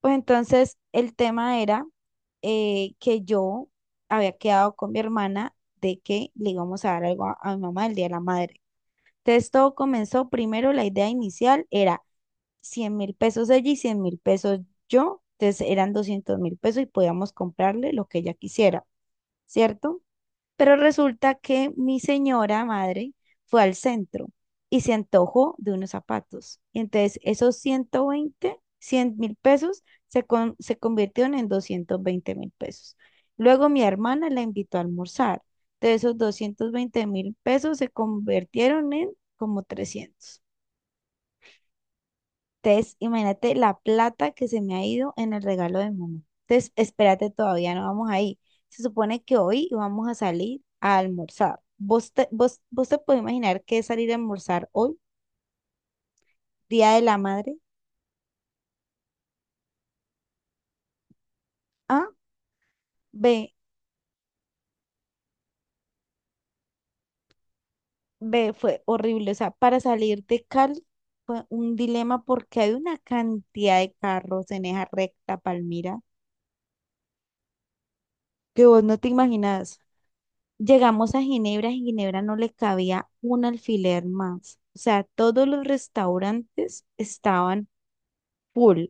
Pues entonces el tema era que yo había quedado con mi hermana de que le íbamos a dar algo a mi mamá el Día de la Madre. Entonces todo comenzó, primero la idea inicial era 100 mil pesos ella y 100 mil pesos yo, entonces eran 200 mil pesos y podíamos comprarle lo que ella quisiera, ¿cierto? Pero resulta que mi señora madre fue al centro y se antojó de unos zapatos. Y entonces esos 120 100 mil pesos se convirtieron en 220 mil pesos. Luego mi hermana la invitó a almorzar. De esos 220 mil pesos se convirtieron en como 300 entonces, imagínate la plata que se me ha ido en el regalo de mamá. Entonces, espérate, todavía no vamos ahí. Se supone que hoy vamos a salir a almorzar. ¿Vos te puedes imaginar qué es salir a almorzar hoy, Día de la Madre? A, B, fue horrible. O sea, para salir de Cali fue un dilema porque hay una cantidad de carros en esa recta, Palmira, que vos no te imaginas. Llegamos a Ginebra, en Ginebra no le cabía un alfiler más. O sea, todos los restaurantes estaban full.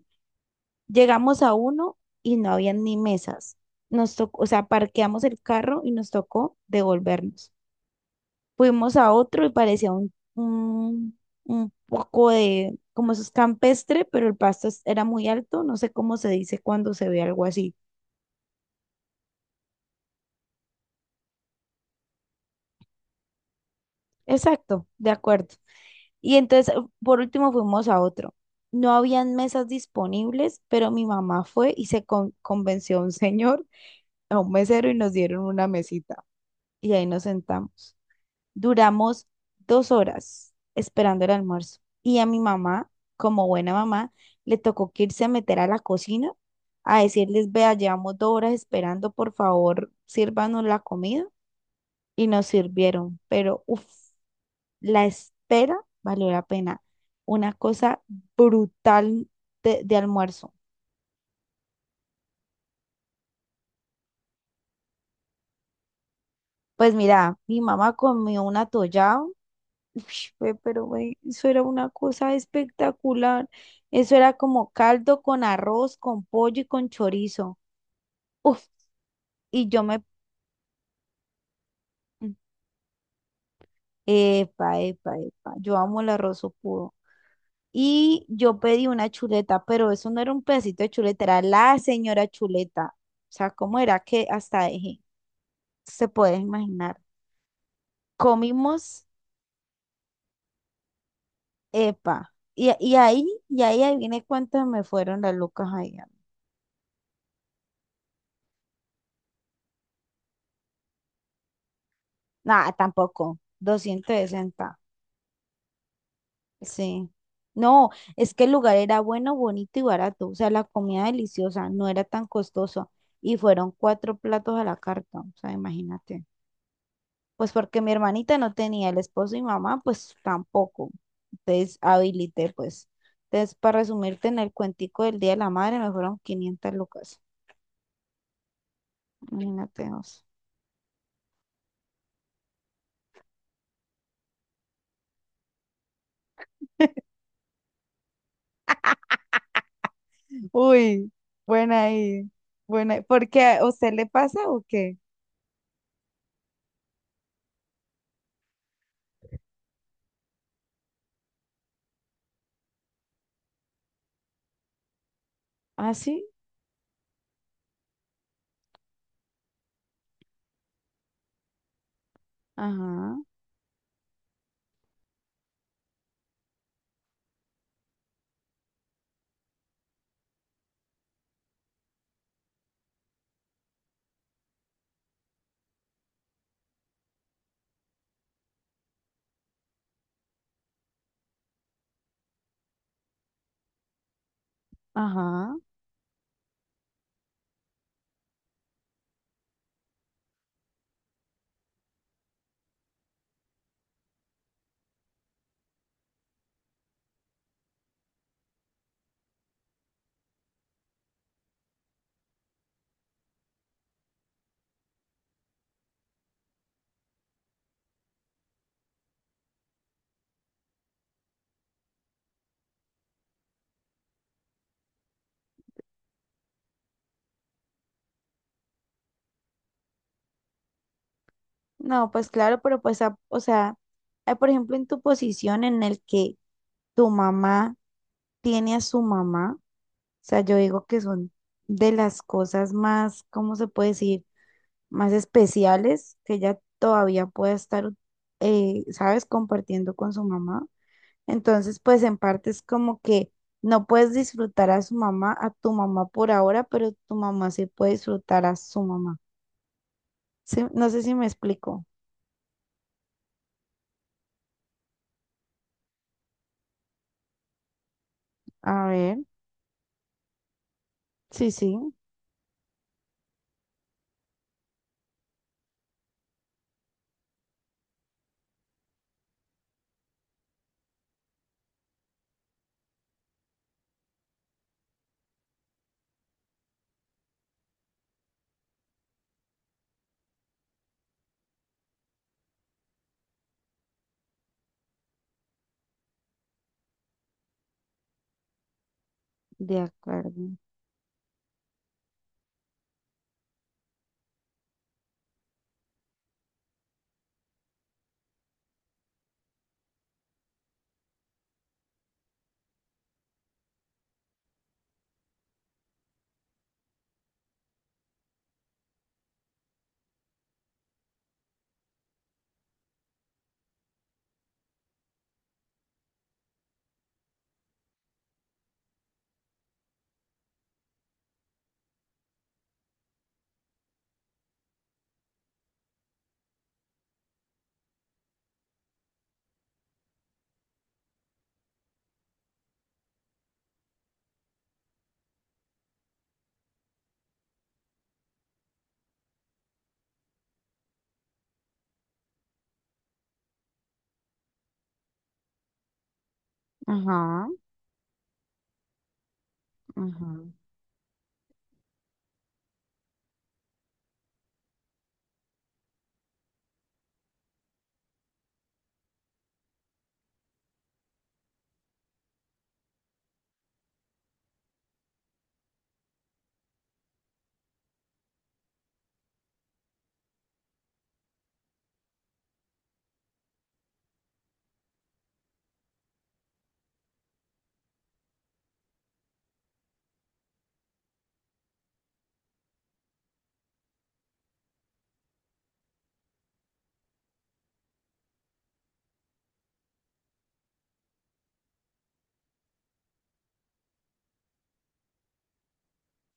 Llegamos a uno y no había ni mesas. Nos tocó, o sea, parqueamos el carro y nos tocó devolvernos. Fuimos a otro y parecía un poco de, como eso es campestre, pero el pasto era muy alto. No sé cómo se dice cuando se ve algo así. Exacto, de acuerdo. Y entonces, por último, fuimos a otro. No habían mesas disponibles, pero mi mamá fue y convenció a un señor, a un mesero, y nos dieron una mesita. Y ahí nos sentamos. Duramos dos horas esperando el almuerzo. Y a mi mamá, como buena mamá, le tocó que irse a meter a la cocina a decirles, vea, llevamos dos horas esperando, por favor, sírvanos la comida. Y nos sirvieron, pero uff, la espera valió la pena. Una cosa brutal de almuerzo. Pues mira, mi mamá comió un atollado. Ush, güey, pero güey, eso era una cosa espectacular. Eso era como caldo con arroz, con pollo y con chorizo. Uf, y yo me... Epa, epa, epa. Yo amo el arroz puro. Y yo pedí una chuleta, pero eso no era un pedacito de chuleta, era la señora chuleta. O sea, ¿cómo era que hasta dejé? Se puede imaginar. Comimos, epa, y ahí adiviné cuántas me fueron las lucas ahí. Nada, tampoco, doscientos sesenta sí. No, es que el lugar era bueno, bonito y barato, o sea, la comida deliciosa, no era tan costoso, y fueron cuatro platos a la carta, o sea, imagínate. Pues porque mi hermanita no tenía el esposo y mamá, pues tampoco, entonces habilité, pues. Entonces, para resumirte en el cuentico del Día de la Madre, me fueron 500 lucas. Imagínate vos. Uy, buena ahí. Buena ahí. ¿Por qué? ¿A usted le pasa o qué? Ah, sí. Ajá, ajá. No, pues claro, pero pues, o sea, por ejemplo, en tu posición en el que tu mamá tiene a su mamá, o sea, yo digo que son de las cosas más, ¿cómo se puede decir? Más especiales que ella todavía pueda estar, ¿sabes? Compartiendo con su mamá. Entonces, pues en parte es como que no puedes disfrutar a su mamá, a tu mamá por ahora, pero tu mamá sí puede disfrutar a su mamá. Sí, no sé si me explico. A ver, sí, sí, de acuerdo. Ajá, ajá.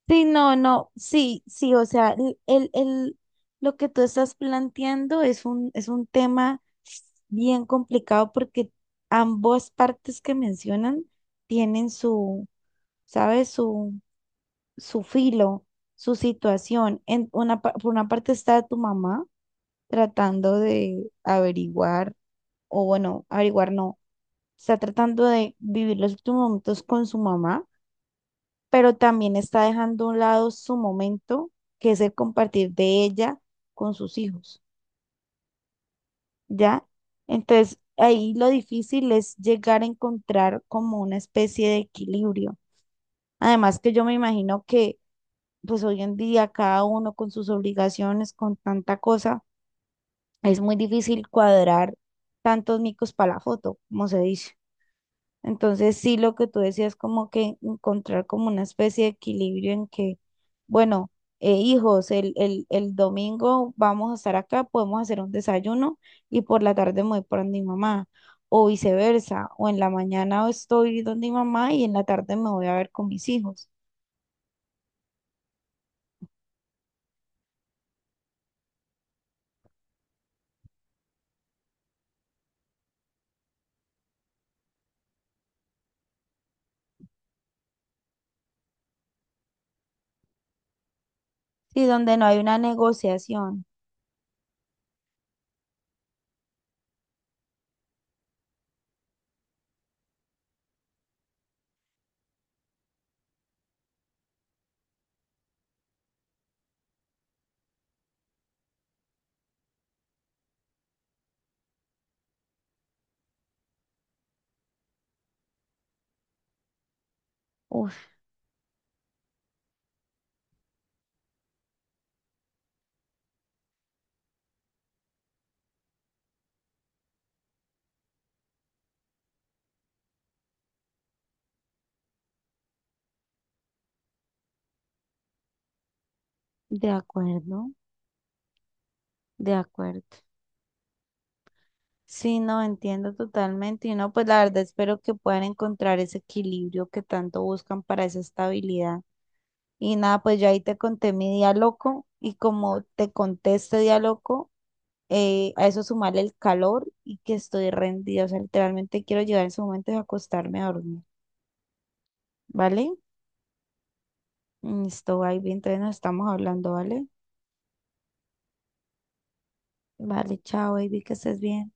Sí, no, no, sí, sí, o sea, lo que tú estás planteando es un tema bien complicado porque ambas partes que mencionan tienen su, ¿sabes? Su filo, su situación. En una, por una parte está tu mamá tratando de averiguar, o bueno, averiguar no, está tratando de vivir los últimos momentos con su mamá, pero también está dejando a un lado su momento, que es el compartir de ella con sus hijos, ¿ya? Entonces, ahí lo difícil es llegar a encontrar como una especie de equilibrio. Además que yo me imagino que pues hoy en día cada uno con sus obligaciones, con tanta cosa, es muy difícil cuadrar tantos micos para la foto, como se dice. Entonces, sí, lo que tú decías, como que encontrar como una especie de equilibrio en que, bueno, hijos, el domingo vamos a estar acá, podemos hacer un desayuno y por la tarde me voy por mi mamá, o viceversa, o en la mañana estoy donde mi mamá y en la tarde me voy a ver con mis hijos. Sí, donde no hay una negociación. Uf, de acuerdo, de acuerdo. Sí, no entiendo totalmente. Y no, pues la verdad espero que puedan encontrar ese equilibrio que tanto buscan para esa estabilidad. Y nada, pues yo ahí te conté mi día loco y como te conté este día loco, a eso sumarle el calor y que estoy rendida. O sea, literalmente quiero llegar en su momento y acostarme a dormir. ¿Vale? Listo, baby. Entonces nos estamos hablando, ¿vale? Vale, chao, baby, que estés bien.